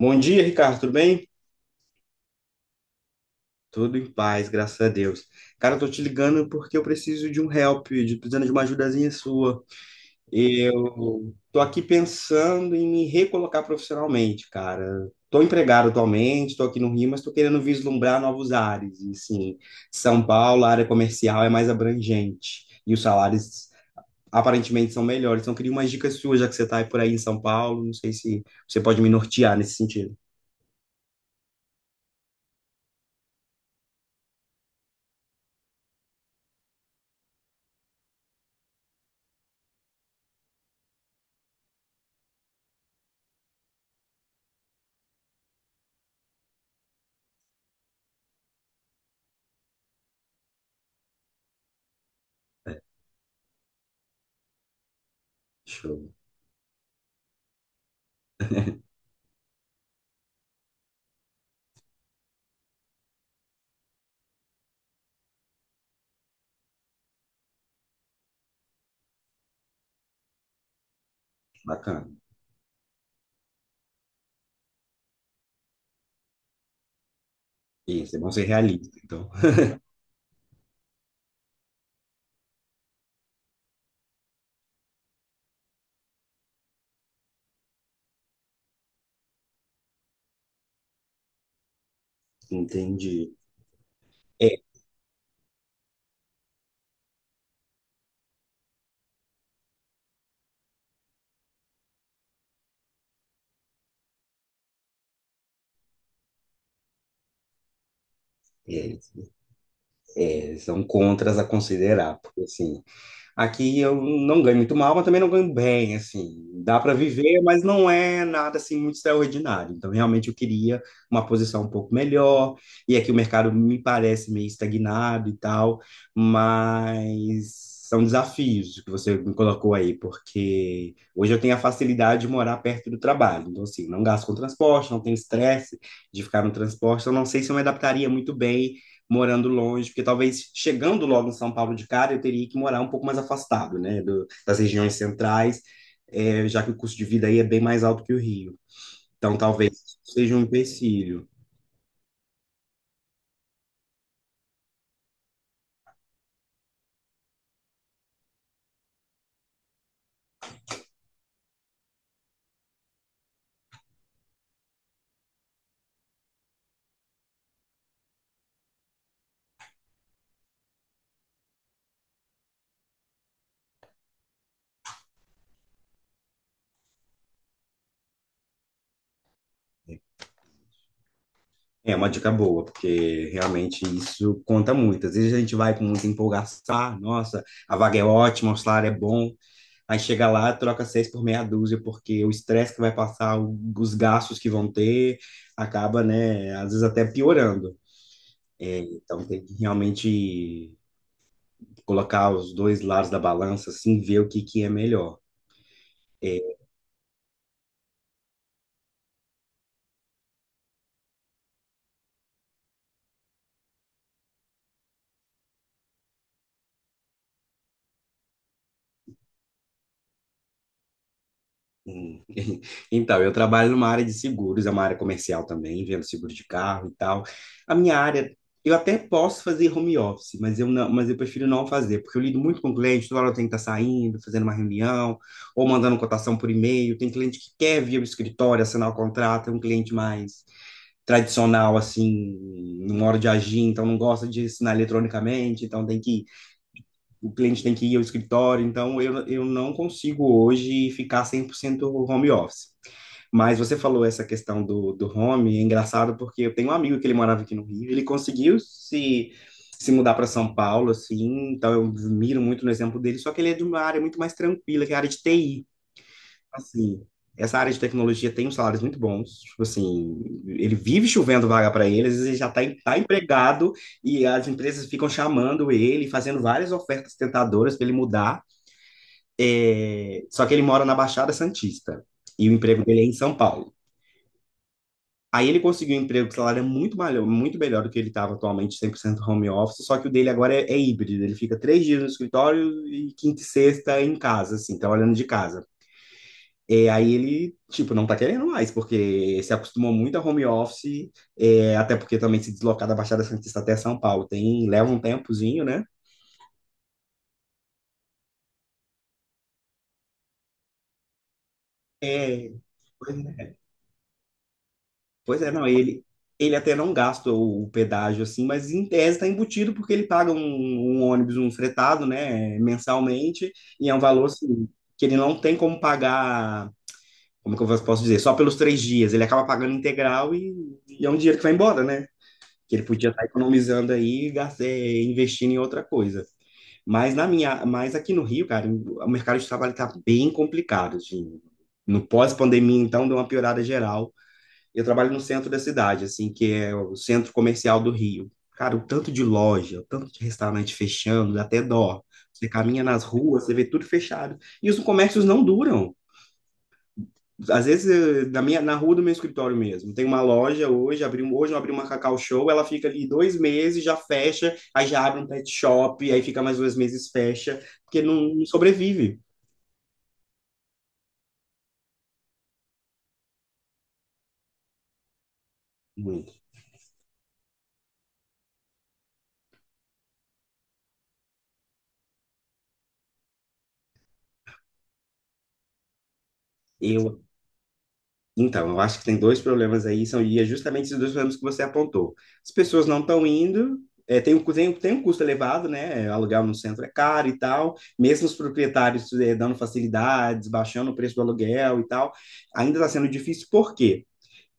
Bom dia, Ricardo, tudo bem? Tudo em paz, graças a Deus. Cara, eu tô te ligando porque eu preciso de um help, precisando de uma ajudazinha sua. Eu tô aqui pensando em me recolocar profissionalmente, cara. Tô empregado atualmente, tô aqui no Rio, mas tô querendo vislumbrar novos ares. E sim, São Paulo, a área comercial é mais abrangente e os salários aparentemente são melhores. Então, eu queria umas dicas suas, já que você tá aí por aí em São Paulo, não sei se você pode me nortear nesse sentido. Show, bacana. Isso, é bom ser realista. Então, entendi. é, é, São contras a considerar, porque assim, aqui eu não ganho muito mal, mas também não ganho bem, assim. Dá para viver, mas não é nada assim muito extraordinário. Então, realmente eu queria uma posição um pouco melhor. E aqui o mercado me parece meio estagnado e tal, mas são desafios que você me colocou aí, porque hoje eu tenho a facilidade de morar perto do trabalho. Então, assim, não gasto com transporte, não tenho estresse de ficar no transporte. Eu não sei se eu me adaptaria muito bem morando longe, porque talvez chegando logo em São Paulo de cara, eu teria que morar um pouco mais afastado, né, das regiões centrais, já que o custo de vida aí é bem mais alto que o Rio. Então, talvez seja um empecilho. É uma dica boa, porque realmente isso conta muito. Às vezes a gente vai com muita empolgação: "Ah, nossa, a vaga é ótima, o salário é bom, aí chega lá, troca seis por meia dúzia, porque o estresse que vai passar, os gastos que vão ter, acaba, né, às vezes até piorando." Então tem que realmente colocar os dois lados da balança, assim, ver o que que é melhor. Hum. Então, eu trabalho numa área de seguros, é uma área comercial também, vendo seguro de carro e tal. A minha área, eu até posso fazer home office, mas eu prefiro não fazer, porque eu lido muito com cliente, toda hora eu tenho que estar saindo, fazendo uma reunião, ou mandando cotação por e-mail. Tem cliente que quer vir ao escritório, assinar o contrato, é um cliente mais tradicional, assim, não hora de agir, então não gosta de assinar eletronicamente, então tem que o cliente tem que ir ao escritório, então eu não consigo hoje ficar 100% home office. Mas você falou essa questão do home, é engraçado porque eu tenho um amigo que ele morava aqui no Rio, ele conseguiu se mudar para São Paulo, assim, então eu miro muito no exemplo dele, só que ele é de uma área muito mais tranquila, que é a área de TI. Assim, essa área de tecnologia tem uns salários muito bons. Tipo assim, ele vive chovendo vaga para ele, às vezes ele já está tá empregado e as empresas ficam chamando ele, fazendo várias ofertas tentadoras para ele mudar. É, só que ele mora na Baixada Santista e o emprego dele é em São Paulo. Aí ele conseguiu um emprego que o salário é muito melhor do que ele estava atualmente, 100% home office, só que o dele agora é, é híbrido. Ele fica três dias no escritório e quinta e sexta em casa, assim, trabalhando de casa. É, aí ele, tipo, não tá querendo mais, porque se acostumou muito a home office, é, até porque também se deslocar da Baixada Santista até São Paulo tem, leva um tempozinho, né? É, pois é, pois é, não, ele até não gasta o pedágio, assim, mas em tese tá embutido porque ele paga um ônibus, um fretado, né, mensalmente, e é um valor, assim, que ele não tem como pagar, como é que eu posso dizer, só pelos três dias, ele acaba pagando integral, e é um dinheiro que vai embora, né? Que ele podia estar economizando aí, e investindo em outra coisa. Mas aqui no Rio, cara, o mercado de trabalho está bem complicado, assim. No pós-pandemia, então, deu uma piorada geral. Eu trabalho no centro da cidade, assim, que é o centro comercial do Rio. Cara, o tanto de loja, o tanto de restaurante fechando, dá até dó. Você caminha nas ruas, você vê tudo fechado. E os comércios não duram. Às vezes, na rua do meu escritório mesmo, tem uma loja hoje, hoje eu abri uma Cacau Show, ela fica ali dois meses, já fecha, aí já abre um pet shop, aí fica mais dois meses, fecha, porque não sobrevive muito. Eu, então, eu acho que tem dois problemas aí, são, e é justamente esses dois problemas que você apontou. As pessoas não estão indo, é, tem, um cu- tem um custo elevado, né? Alugar no centro é caro e tal, mesmo os proprietários, é, dando facilidades, baixando o preço do aluguel e tal, ainda está sendo difícil, porque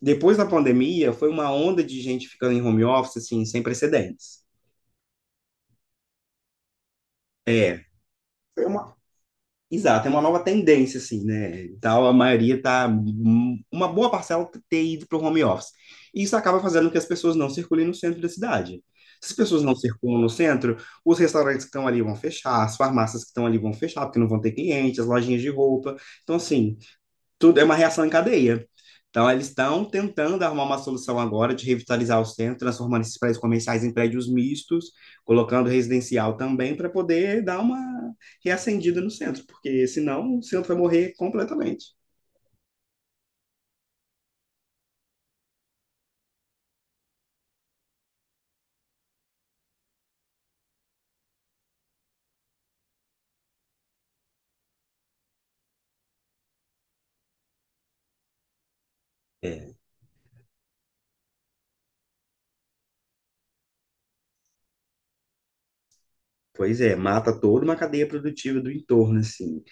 depois da pandemia, foi uma onda de gente ficando em home office, assim, sem precedentes. É, foi uma, Exato, é uma nova tendência, assim, né? Então, uma boa parcela tá ter ido para o home office. E isso acaba fazendo com que as pessoas não circulem no centro da cidade. Se as pessoas não circulam no centro, os restaurantes que estão ali vão fechar, as farmácias que estão ali vão fechar, porque não vão ter clientes, as lojinhas de roupa. Então, assim, tudo é uma reação em cadeia. Então, eles estão tentando arrumar uma solução agora de revitalizar o centro, transformando esses prédios comerciais em prédios mistos, colocando residencial também, para poder dar uma reacendida no centro, porque senão o centro vai morrer completamente. É, pois é, mata toda uma cadeia produtiva do entorno, assim.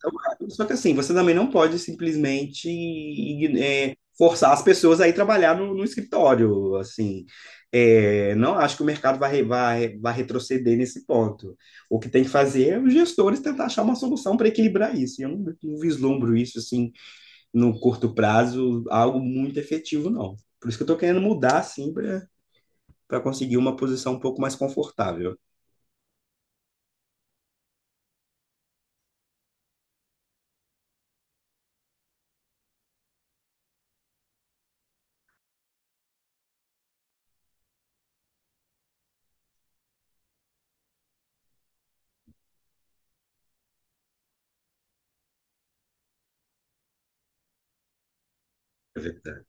São rápidos. Só que assim, você também não pode simplesmente forçar as pessoas a ir trabalhar no escritório, assim. É, não acho que o mercado vai retroceder nesse ponto. O que tem que fazer é os gestores tentar achar uma solução para equilibrar isso. E eu não vislumbro isso, assim, no curto prazo, algo muito efetivo, não. Por isso que eu estou querendo mudar, assim, para conseguir uma posição um pouco mais confortável. É verdade,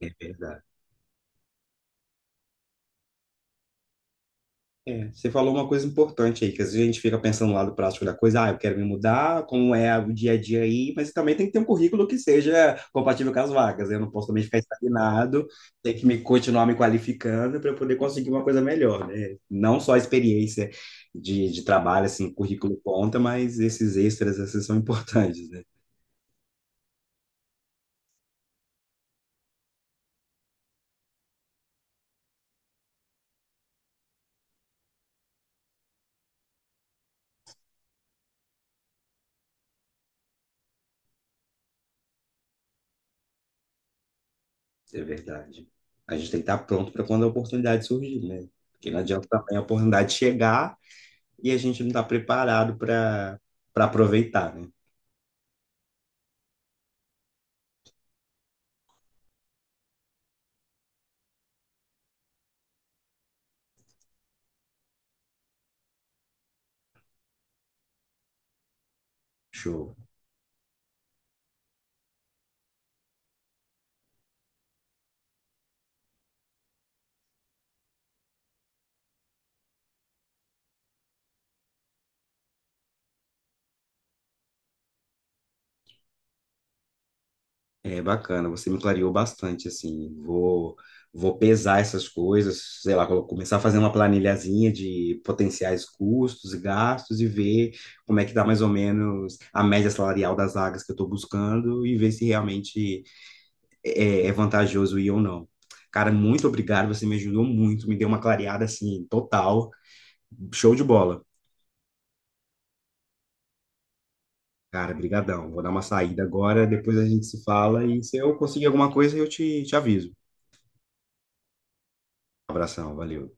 é verdade. É, você falou uma coisa importante aí, que às vezes a gente fica pensando no lado prático da coisa, ah, eu quero me mudar, como é o dia a dia aí, mas também tem que ter um currículo que seja compatível com as vagas, né? Eu não posso também ficar estagnado, tem que me continuar me qualificando para eu poder conseguir uma coisa melhor, né? Não só a experiência de trabalho, assim, currículo conta, mas esses extras, assim, são importantes, né? É verdade. A gente tem que estar pronto para quando a oportunidade surgir, né? Porque não adianta também a oportunidade chegar e a gente não está preparado para aproveitar, né? Show. É bacana, você me clareou bastante, assim. Vou pesar essas coisas, sei lá, vou começar a fazer uma planilhazinha de potenciais custos e gastos e ver como é que dá mais ou menos a média salarial das vagas que eu estou buscando e ver se realmente é, é vantajoso ir ou não. Cara, muito obrigado, você me ajudou muito, me deu uma clareada assim, total. Show de bola. Cara, brigadão. Vou dar uma saída agora, depois a gente se fala e se eu conseguir alguma coisa eu te aviso. Abração, valeu.